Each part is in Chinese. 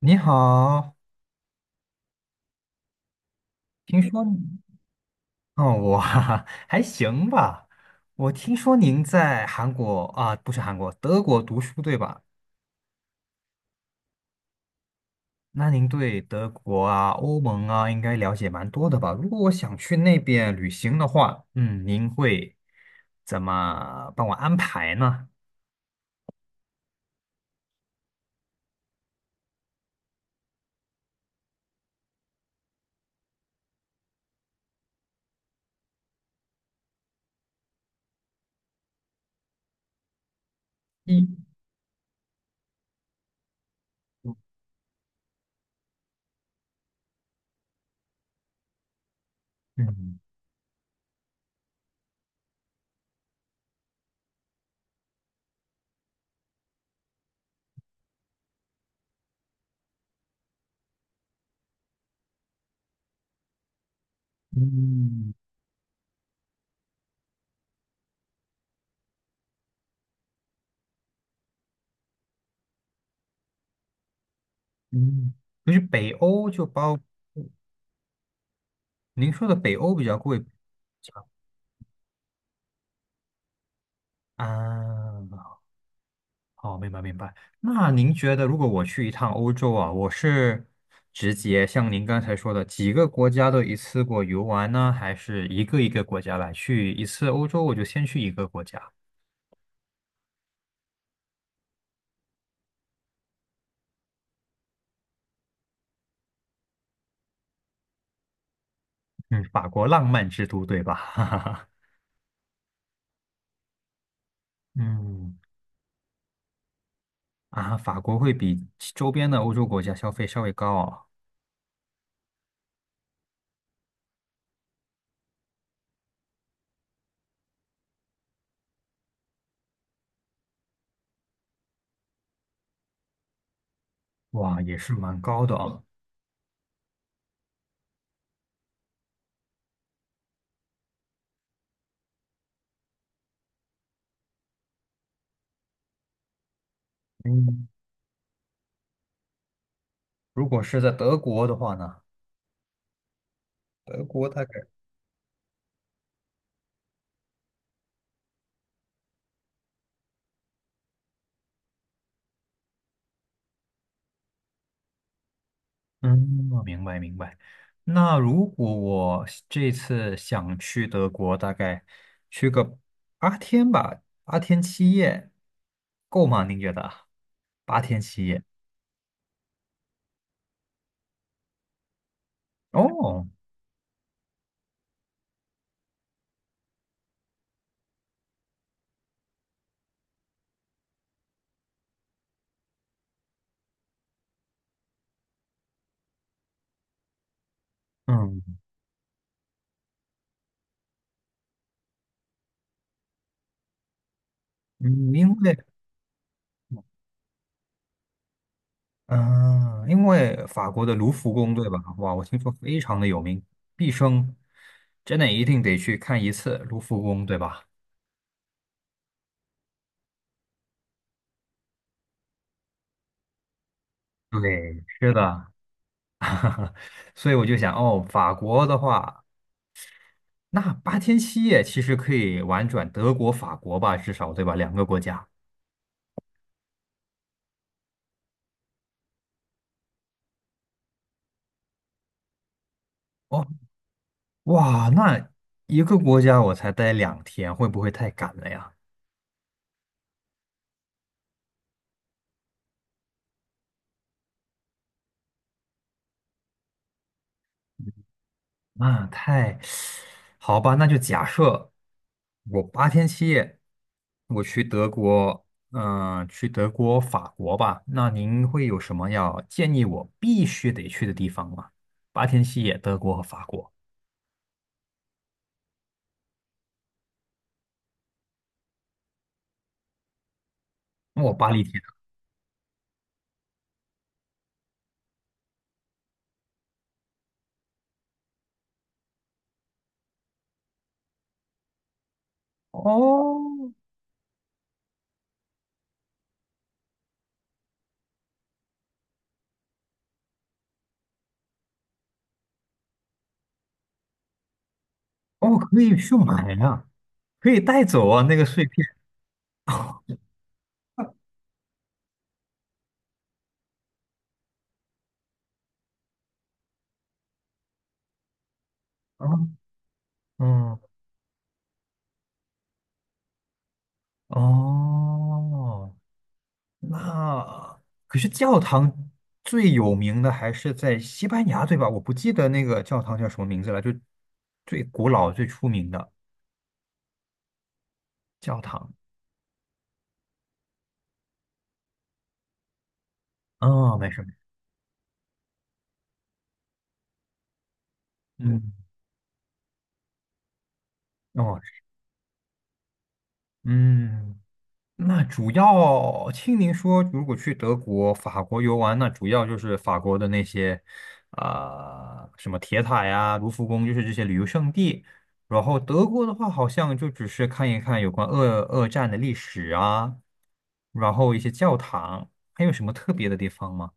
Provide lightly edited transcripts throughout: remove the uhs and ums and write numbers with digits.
你好，听说你哦，我哈哈 还行吧。我听说您在韩国啊，不是韩国，德国读书对吧？那您对德国啊、欧盟啊，应该了解蛮多的吧？如果我想去那边旅行的话，您会怎么帮我安排呢？一，嗯嗯嗯，就是北欧就包，您说的北欧比较贵啊。哦，明白明白。那您觉得，如果我去一趟欧洲啊，我是直接像您刚才说的几个国家都一次过游玩呢，还是一个一个国家来去一次欧洲，我就先去一个国家？嗯，法国浪漫之都，对吧？嗯，啊，法国会比其周边的欧洲国家消费稍微高啊，哇，也是蛮高的啊。嗯，如果是在德国的话呢，德国大概。嗯，我明白明白。那如果我这次想去德国，大概去个八天吧，八天七夜，够吗？您觉得？八天七夜？哦，嗯嗯，因为法国的卢浮宫对吧？哇，我听说非常的有名，毕生真的一定得去看一次卢浮宫，对吧？对，是的。所以我就想，哦，法国的话。那八天七夜其实可以玩转德国、法国吧，至少对吧？两个国家。哦，哇，那一个国家我才待两天，会不会太赶了呀？那太，好吧，那就假设我八天七夜，我去德国，去德国、法国吧。那您会有什么要建议我必须得去的地方吗？八天七夜，德国和法国，那我巴黎铁塔。哦，哦，可以去买呀、可以带走啊，那个碎片啊，嗯，哦，那可是教堂最有名的还是在西班牙，对吧？我不记得那个教堂叫什么名字了，就最古老、最出名的教堂。哦，没事，没事嗯，哦，嗯。那主要听您说，如果去德国、法国游玩，那主要就是法国的那些，啊、什么铁塔呀、卢浮宫，就是这些旅游胜地。然后德国的话，好像就只是看一看有关二战的历史啊，然后一些教堂，还有什么特别的地方吗？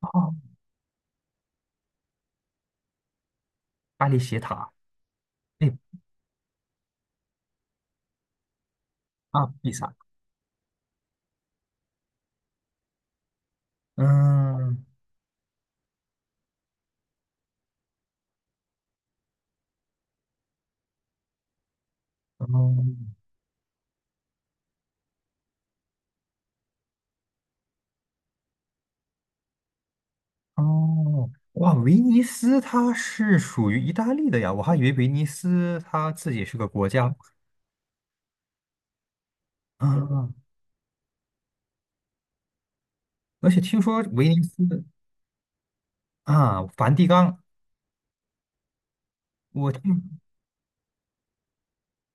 哦，巴黎铁塔，哎，啊，比萨，嗯，嗯。哦，哇，威尼斯它是属于意大利的呀，我还以为威尼斯它自己是个国家啊。而且听说威尼斯啊，梵蒂冈，我听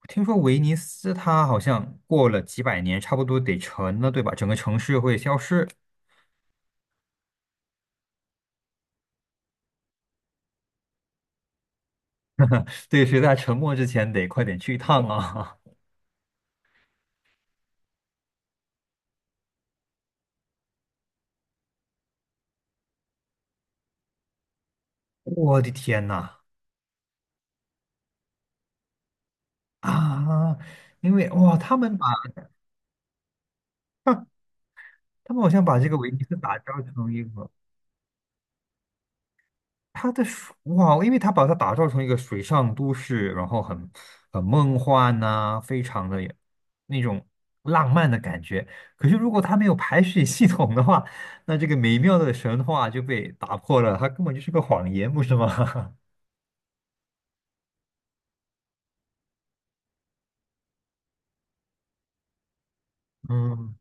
听说威尼斯它好像过了几百年，差不多得沉了，对吧？整个城市会消失，对，谁在沉没之前得快点去一趟啊！我的天呐啊！因为哇，他们把他们好像把这个威尼斯打造成一个。它的水哇，因为它把它打造成一个水上都市，然后很很梦幻呐、非常的那种浪漫的感觉。可是如果它没有排水系统的话，那这个美妙的神话就被打破了，它根本就是个谎言，不是吗？嗯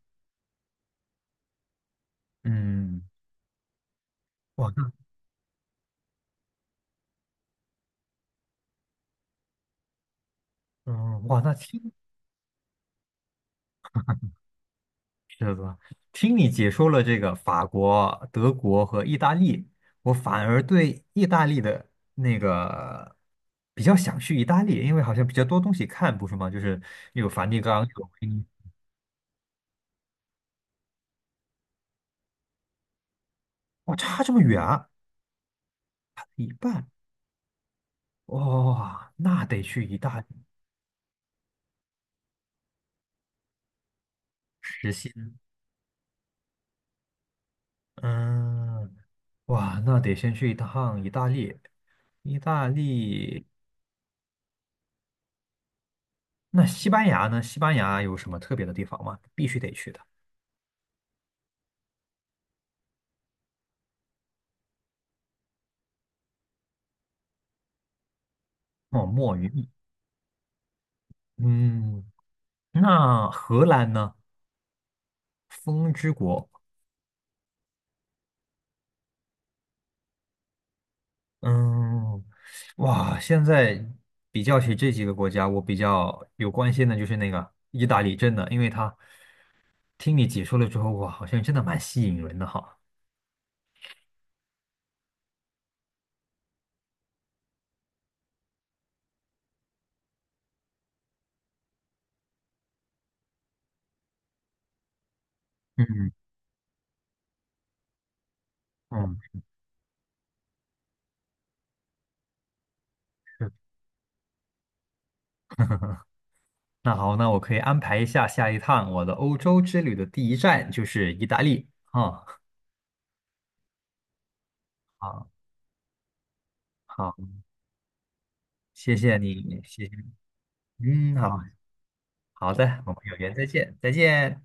嗯，哇，那嗯哇，那听是吧？听你解说了这个法国、德国和意大利，我反而对意大利的那个比较想去意大利，因为好像比较多东西看，不是吗？就是有梵蒂冈，有威尼斯哇，差这么远啊，差一半，哇，那得去意大利实心，嗯，哇，那得先去一趟意大利。意大利，那西班牙呢？西班牙有什么特别的地方吗？必须得去的。哦，墨鱼，嗯，那荷兰呢？风之国，嗯，哇，现在比较起这几个国家，我比较有关心的就是那个意大利，真的，因为它听你解说了之后，哇，好像真的蛮吸引人的哈。嗯嗯，是。那好，那我可以安排一下下一趟我的欧洲之旅的第一站就是意大利啊。好，好，谢谢你，谢谢你，嗯，好好的，我们有缘再见，再见。